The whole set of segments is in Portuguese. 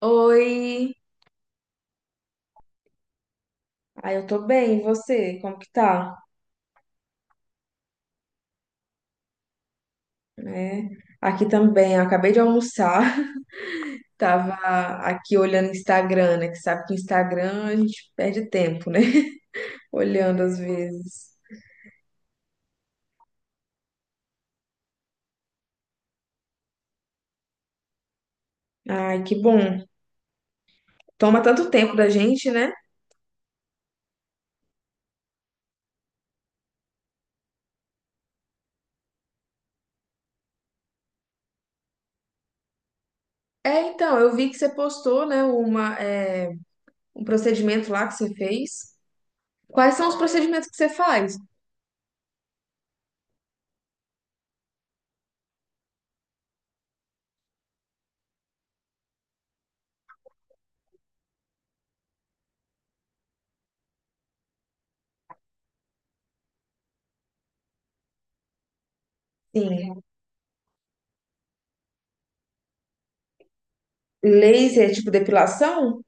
Oi, eu tô bem, e você? Como que tá? É, aqui também, eu acabei de almoçar, tava aqui olhando o Instagram, né? Que sabe que Instagram a gente perde tempo, né? Olhando às vezes. Ai, que bom. Toma tanto tempo da gente, né? É, então, eu vi que você postou, né, uma, um procedimento lá que você fez. Quais são os procedimentos que você faz? Sim, laser, tipo depilação?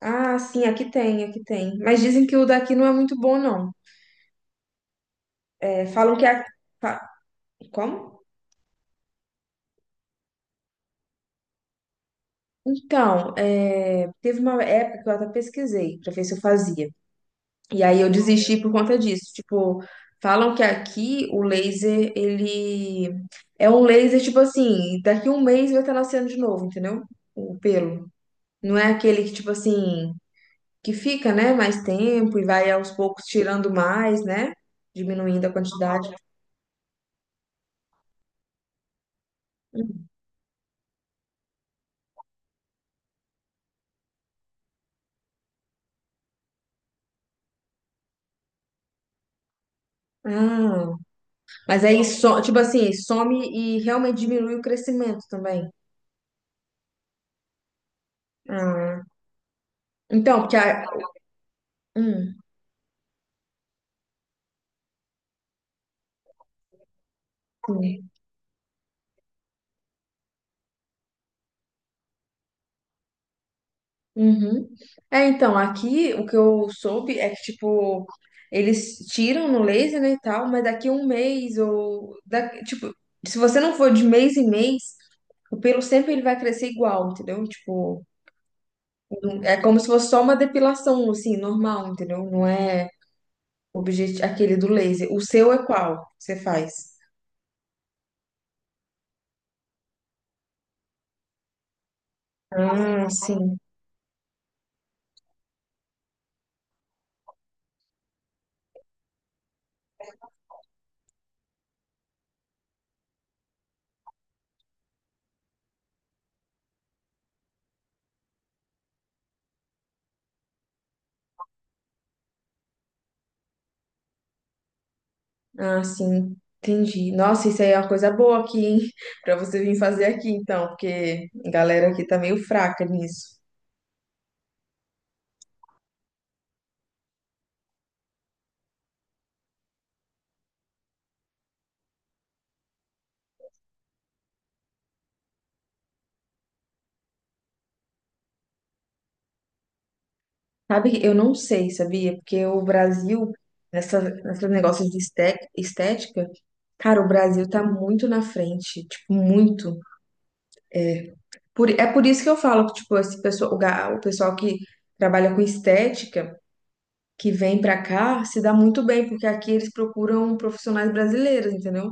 Ah, sim, aqui tem, aqui tem. Mas dizem que o daqui não é muito bom, não. É, falam que a. fa- Como? Então, é, teve uma época que eu até pesquisei pra ver se eu fazia. E aí eu desisti por conta disso. Tipo, falam que aqui o laser, ele é um laser, tipo assim, daqui um mês vai estar nascendo de novo, entendeu? O pelo. Não é aquele que, tipo assim, que fica, né, mais tempo e vai aos poucos tirando mais, né? Diminuindo a quantidade. Ah, mas aí, so, tipo assim, some e realmente diminui o crescimento também. Ah, então, porque a... hum, sim. Uhum. É, então, aqui o que eu soube é que, tipo, eles tiram no laser, né, e tal, mas daqui um mês ou... Da... Tipo, se você não for de mês em mês, o pelo sempre ele vai crescer igual, entendeu? Tipo, é como se fosse só uma depilação, assim, normal, entendeu? Não é objet... aquele do laser. O seu é qual que você faz? Ah, ah, sim, entendi. Nossa, isso aí é uma coisa boa aqui, hein? Pra você vir fazer aqui, então, porque a galera aqui tá meio fraca nisso. Sabe, eu não sei, sabia? Porque o Brasil, nesse negócio de estética, cara, o Brasil tá muito na frente, tipo, muito. É é por isso que eu falo que, tipo, esse pessoal, o, o pessoal que trabalha com estética, que vem pra cá, se dá muito bem, porque aqui eles procuram profissionais brasileiros, entendeu?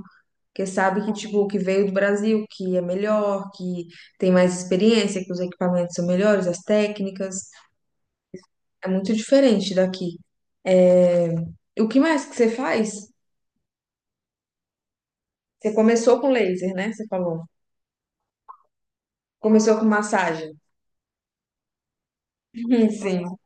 Porque sabe que, tipo, que veio do Brasil, que é melhor, que tem mais experiência, que os equipamentos são melhores, as técnicas. É muito diferente daqui. E o que mais que você faz? Você começou com laser, né? Você falou. Começou com massagem. Sim.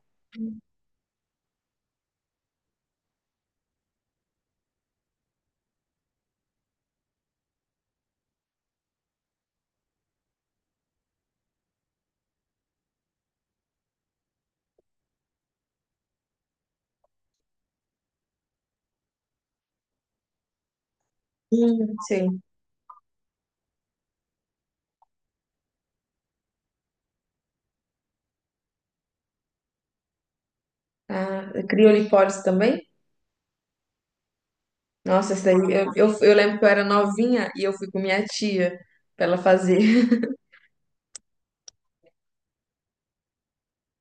Sim. Ah, criolipólise também? Nossa, essa daí, eu lembro que eu era novinha e eu fui com minha tia pra ela fazer.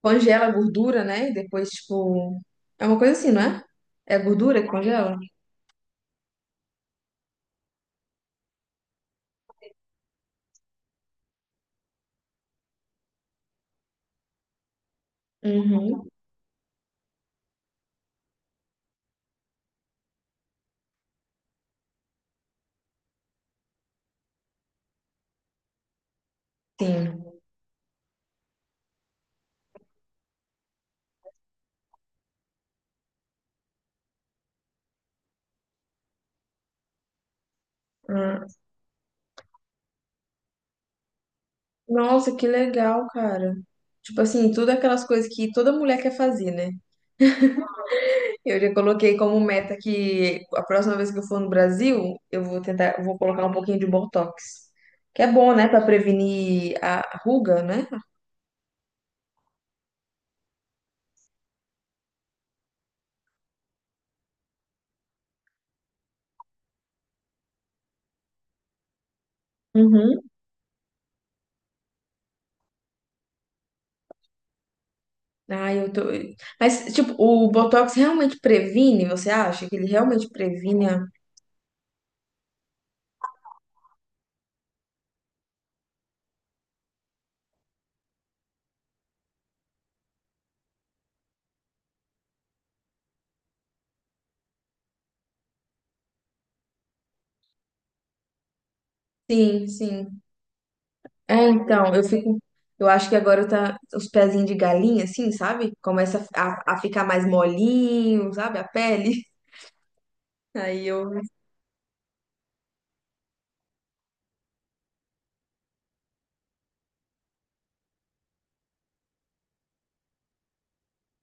Congela a gordura, né? E depois, tipo. É uma coisa assim, não é? É a gordura que congela? Uhum, sim. Ah, nossa, que legal, cara. Tipo assim, tudo aquelas coisas que toda mulher quer fazer, né? Eu já coloquei como meta que a próxima vez que eu for no Brasil, eu vou tentar, eu vou colocar um pouquinho de Botox. Que é bom, né, pra prevenir a ruga, né? Uhum. Ah, eu tô. Mas, tipo, o Botox realmente previne? Você acha que ele realmente previne? A- Sim, sim. É, então, eu fico. Eu acho que agora tá os pezinhos de galinha, assim, sabe? Começa a ficar mais molinho, sabe? A pele. Aí eu.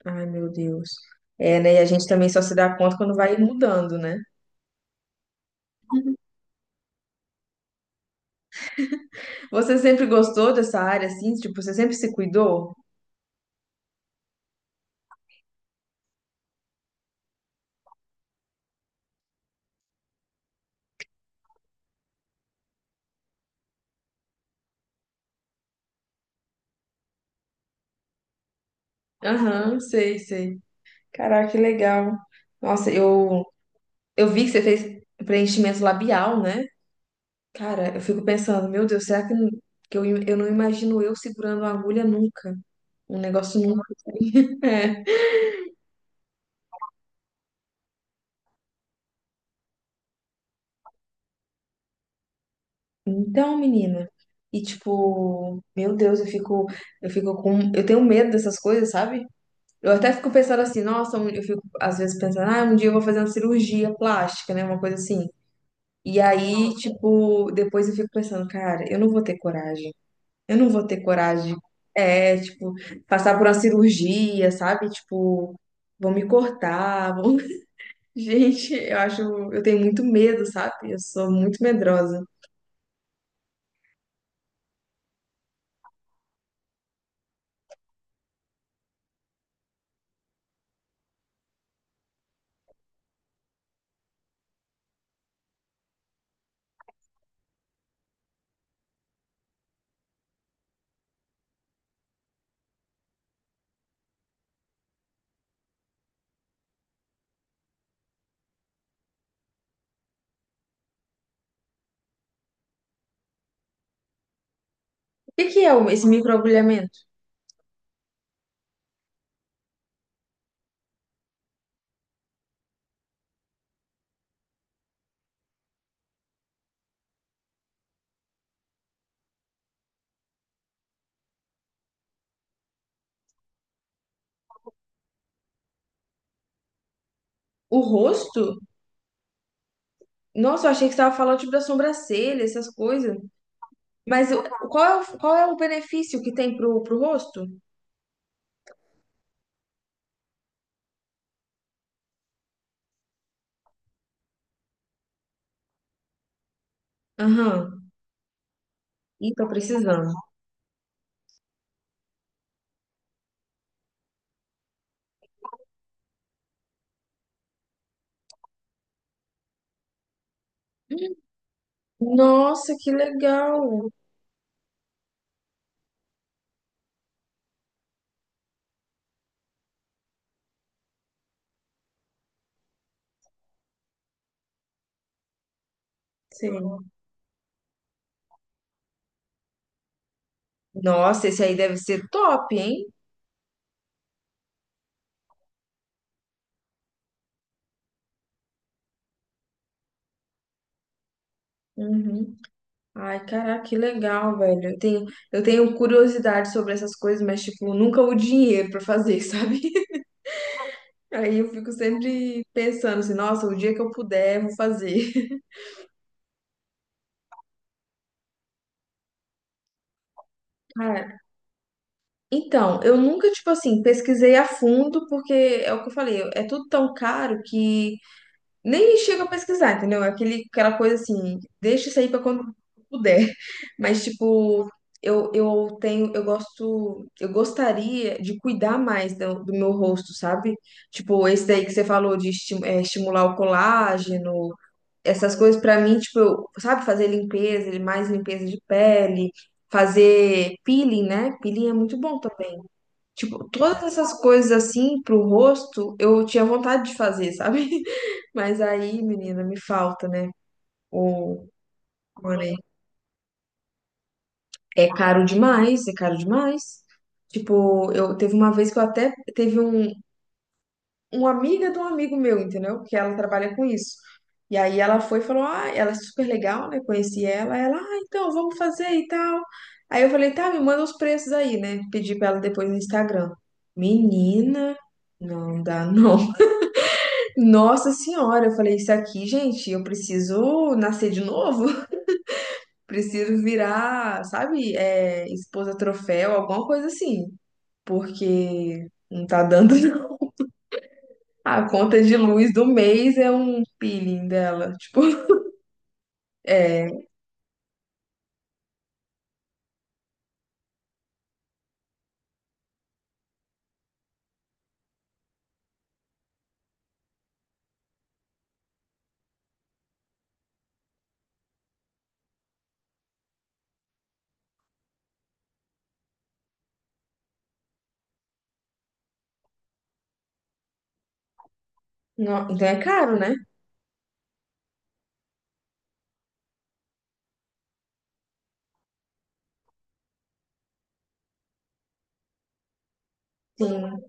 Ai, meu Deus. É, né? E a gente também só se dá conta quando vai mudando, né? Você sempre gostou dessa área, assim? Tipo, você sempre se cuidou? Aham, sei, sei. Caraca, que legal. Nossa, eu vi que você fez preenchimento labial, né? Cara, eu fico pensando, meu Deus, será que, eu não imagino eu segurando uma agulha nunca? Um negócio nunca. É. Então, menina. E tipo, meu Deus, eu fico, eu tenho medo dessas coisas, sabe? Eu até fico pensando assim, nossa, eu fico às vezes pensando, ah, um dia eu vou fazer uma cirurgia plástica, né, uma coisa assim. E aí, tipo, depois eu fico pensando, cara, eu não vou ter coragem. Eu não vou ter coragem. É, tipo, passar por uma cirurgia, sabe? Tipo, vão me cortar, vão... Gente, eu acho, eu tenho muito medo, sabe? Eu sou muito medrosa. O que que é esse microagulhamento? O rosto? Nossa, eu achei que você estava falando tipo da sobrancelha, essas coisas. Mas qual é qual é o benefício que tem pro rosto? Aham. Ih, tô precisando. Nossa, que legal. Sim. Nossa, esse aí deve ser top, hein? Uhum. Ai, caraca, que legal, velho. Eu tenho curiosidade sobre essas coisas, mas, tipo, nunca o dinheiro pra fazer, sabe? Aí eu fico sempre pensando assim, nossa, o dia que eu puder, eu vou fazer. Cara, então, eu nunca, tipo assim, pesquisei a fundo, porque é o que eu falei, é tudo tão caro que nem chega a pesquisar, entendeu? É aquele, aquela coisa assim, deixa isso aí pra quando puder. Mas, tipo, eu gosto, eu gostaria de cuidar mais do, do meu rosto, sabe? Tipo, esse daí que você falou de estimular o colágeno, essas coisas pra mim, tipo, eu, sabe, fazer limpeza, mais limpeza de pele, fazer peeling, né? Peeling é muito bom. Tipo, todas essas coisas assim pro rosto, eu tinha vontade de fazer, sabe? Mas aí, menina, me falta, né? O olha, é caro demais, é caro demais. Tipo, eu teve uma vez que eu até teve uma amiga de um amigo meu, entendeu? Que ela trabalha com isso. E aí ela foi e falou: "Ah, ela é super legal, né? Conheci ela". Ela: "Ah, então vamos fazer e tal". Aí eu falei: "Tá, me manda os preços aí, né?" Pedi pra ela depois no Instagram. Menina, não dá, não. Nossa senhora, eu falei, isso aqui, gente, eu preciso nascer de novo, preciso virar, sabe, é, esposa troféu, alguma coisa assim, porque não tá dando. Não. A conta de luz do mês é um peeling dela, tipo, é, então é caro, né? Tem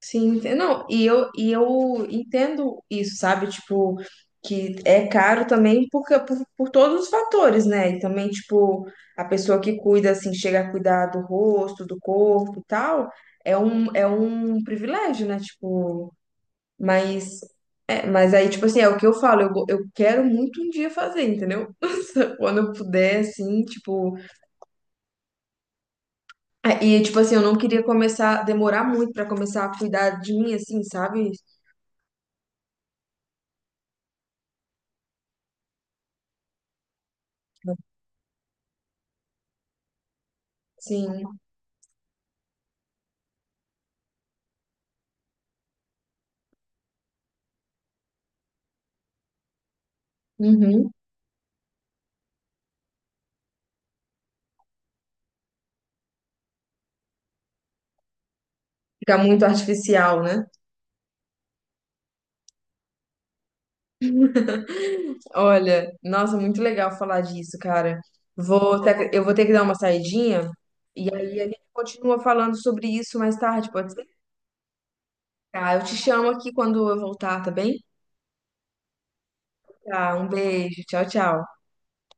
sim, não, e eu entendo isso, sabe? Tipo, que é caro também porque, por todos os fatores, né? E também, tipo, a pessoa que cuida, assim, chega a cuidar do rosto, do corpo e tal, é é um privilégio, né? Tipo, mas, é, mas aí, tipo assim, é o que eu falo, eu, eu quero muito um dia fazer, entendeu? Quando eu puder, assim, tipo. E, tipo assim, eu não queria começar, demorar muito pra começar a cuidar de mim, assim, sabe? Sim. Uhum. Fica muito artificial, né? Olha, nossa, muito legal falar disso, cara. Vou ter, eu vou ter que dar uma saidinha e aí a gente continua falando sobre isso mais tarde, pode ser? Tá, eu te chamo aqui quando eu voltar, tá bem? Tá, um beijo, tchau, tchau.